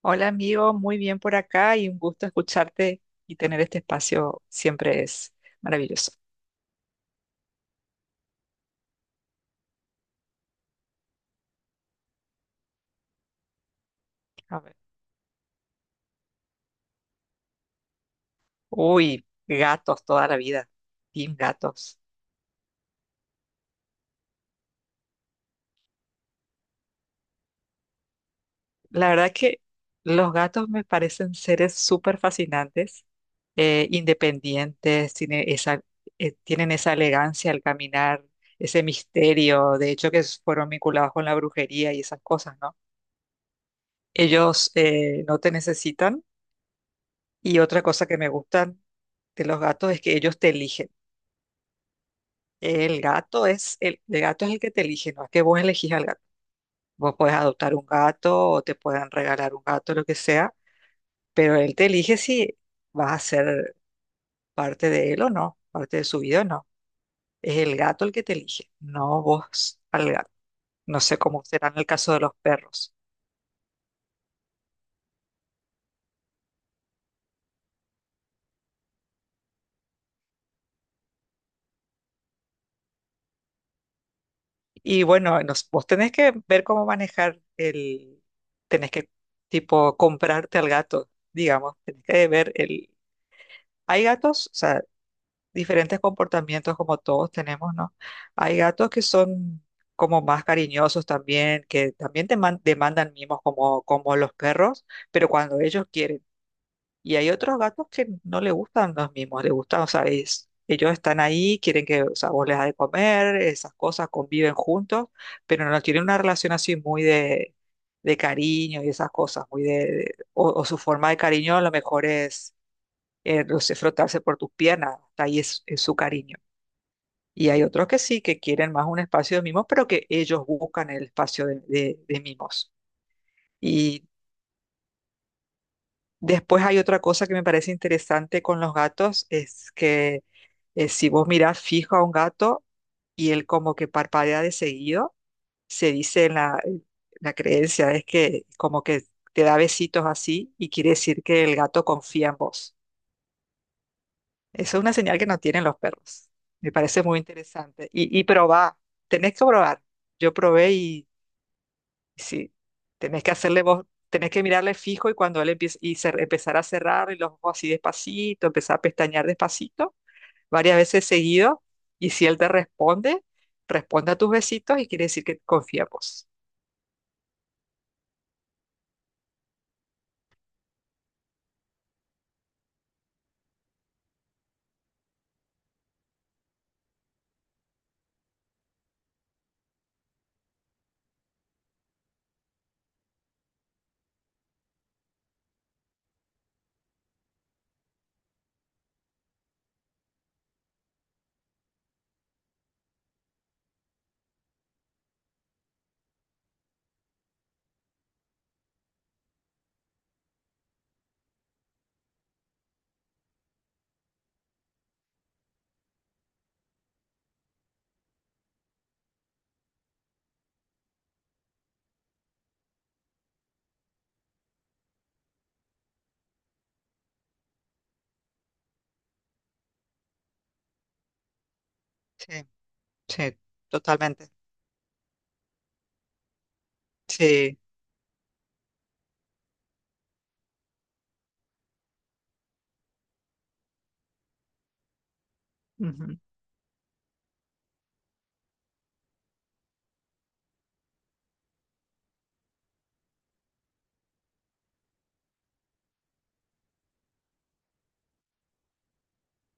Hola amigo, muy bien por acá y un gusto escucharte y tener este espacio siempre es maravilloso. A ver. Uy, gatos toda la vida, team gatos. La verdad que los gatos me parecen seres súper fascinantes, independientes, tienen esa elegancia al caminar, ese misterio, de hecho que fueron vinculados con la brujería y esas cosas, ¿no? Ellos no te necesitan. Y otra cosa que me gusta de los gatos es que ellos te eligen. El gato es el que te elige, no es que vos elegís al gato. Vos podés adoptar un gato o te pueden regalar un gato, lo que sea, pero él te elige si vas a ser parte de él o no, parte de su vida o no. Es el gato el que te elige, no vos al gato. No sé cómo será en el caso de los perros. Y bueno, vos tenés que ver cómo manejar el, tenés que tipo comprarte al gato, digamos, tenés que ver el. Hay gatos, o sea, diferentes comportamientos como todos tenemos, ¿no? Hay gatos que son como más cariñosos también, que también demandan mimos como, como los perros, pero cuando ellos quieren. Y hay otros gatos que no le gustan los mimos, les gustan, o sea, ellos están ahí, quieren que, o sea, vos les das de comer, esas cosas, conviven juntos, pero no tienen una relación así muy de cariño y esas cosas, muy de, o su forma de cariño a lo mejor es los sé frotarse por tus piernas, hasta ahí es su cariño. Y hay otros que sí, que quieren más un espacio de mimos, pero que ellos buscan el espacio de, de mimos. Y después hay otra cosa que me parece interesante con los gatos, es que si vos mirás fijo a un gato y él como que parpadea de seguido, se dice en la creencia, es que como que te da besitos así y quiere decir que el gato confía en vos. Eso es una señal que no tienen los perros. Me parece muy interesante. Y probar, tenés que probar. Yo probé y sí, tenés que hacerle vos, tenés que mirarle fijo y cuando él empiece empezar a cerrar y los ojos así despacito, empezar a pestañear despacito, varias veces seguido. Y si él te responde, responde a tus besitos y quiere decir que confía en vos. Sí, sí, totalmente. Sí, ujú,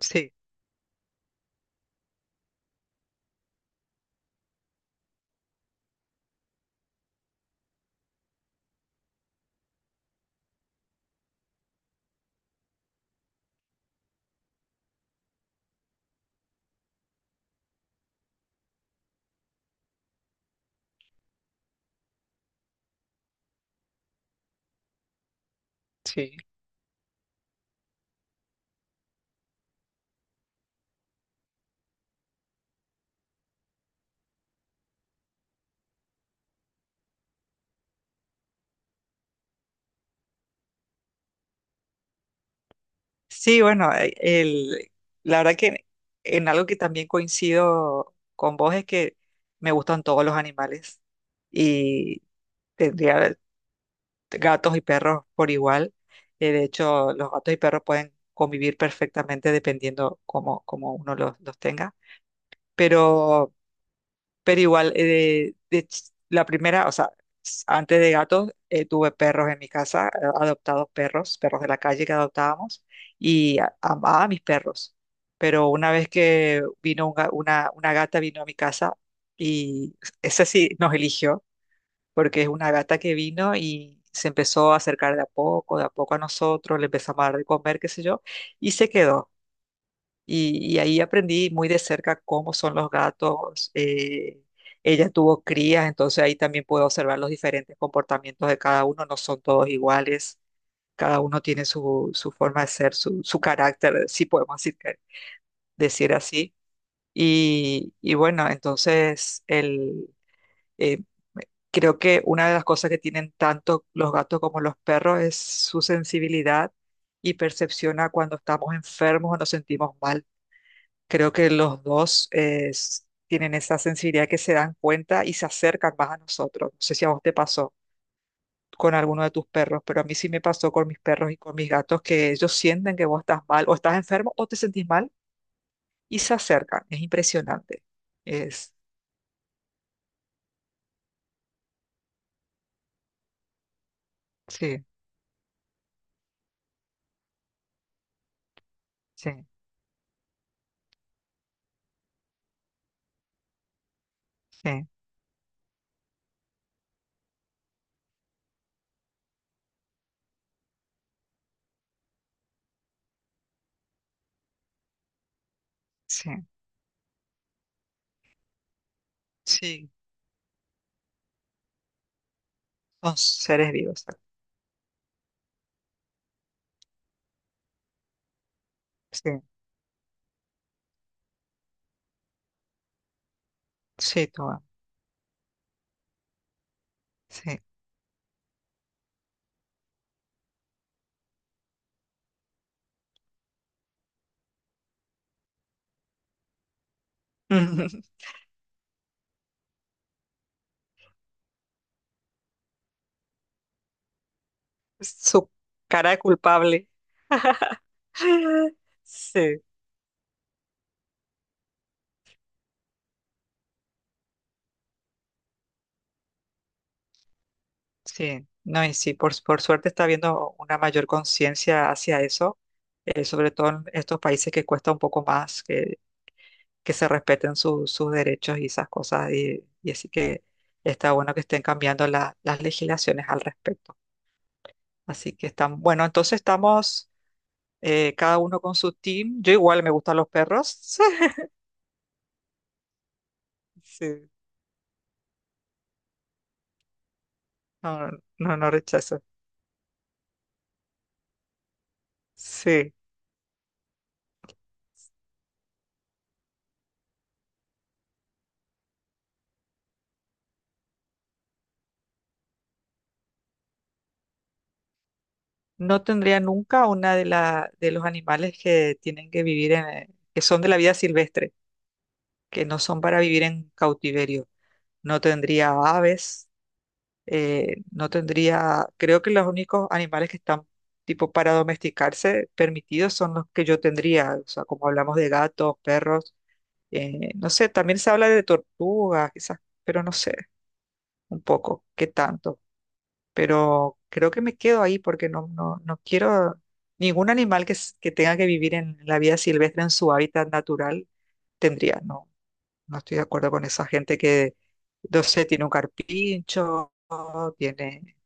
sí, sí. Sí, bueno, la verdad que en algo que también coincido con vos es que me gustan todos los animales y tendría gatos y perros por igual. De hecho, los gatos y perros pueden convivir perfectamente dependiendo cómo, cómo uno los tenga. Pero pero igual, la primera, o sea, antes de gatos, tuve perros en mi casa, adoptados perros, perros de la calle que adoptábamos, y amaba a mis perros. Pero una vez que vino una gata, vino a mi casa y esa sí nos eligió, porque es una gata que vino y se empezó a acercar de a poco a nosotros, le empezamos a dar de comer, qué sé yo, y se quedó. Y ahí aprendí muy de cerca cómo son los gatos. Ella tuvo crías, entonces ahí también puedo observar los diferentes comportamientos de cada uno. No son todos iguales, cada uno tiene su, su forma de ser, su carácter, si podemos decir, decir así. Y bueno, entonces el, eh, creo que una de las cosas que tienen tanto los gatos como los perros es su sensibilidad y percepciona cuando estamos enfermos o nos sentimos mal. Creo que los dos tienen esa sensibilidad que se dan cuenta y se acercan más a nosotros. No sé si a vos te pasó con alguno de tus perros, pero a mí sí me pasó con mis perros y con mis gatos que ellos sienten que vos estás mal o estás enfermo o te sentís mal y se acercan. Es impresionante. Es, sí, sí, sí, sí, sí. Son seres vivos. Sí, sí, toma, sí. Su cara de culpable. Sí. Sí, no, y sí, por suerte está habiendo una mayor conciencia hacia eso, sobre todo en estos países que cuesta un poco más que se respeten sus derechos y esas cosas, y así que está bueno que estén cambiando las legislaciones al respecto. Así que están, bueno, entonces estamos cada uno con su team. Yo igual me gustan los perros. Sí, no, no no rechazo. Sí. No tendría nunca una de, la, de los animales que tienen que vivir en, que son de la vida silvestre, que no son para vivir en cautiverio. No tendría aves, no tendría, creo que los únicos animales que están tipo para domesticarse permitidos son los que yo tendría, o sea, como hablamos de gatos, perros, no sé, también se habla de tortugas, quizás, pero no sé, un poco, qué tanto. Pero creo que me quedo ahí porque no, no, no quiero ningún animal que, que tenga que vivir en la vida silvestre en su hábitat natural tendría, no, no estoy de acuerdo con esa gente que, no sé, tiene un carpincho, tiene,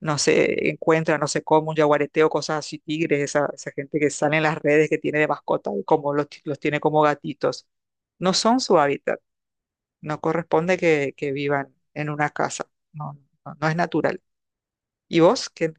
no sé, encuentra, no sé cómo, un yaguareteo, cosas así, tigres, esa gente que sale en las redes que tiene de mascota y como los, los tiene como gatitos. No son su hábitat, no corresponde que vivan en una casa, no, no, no es natural. ¿Y vos? ¿Qué,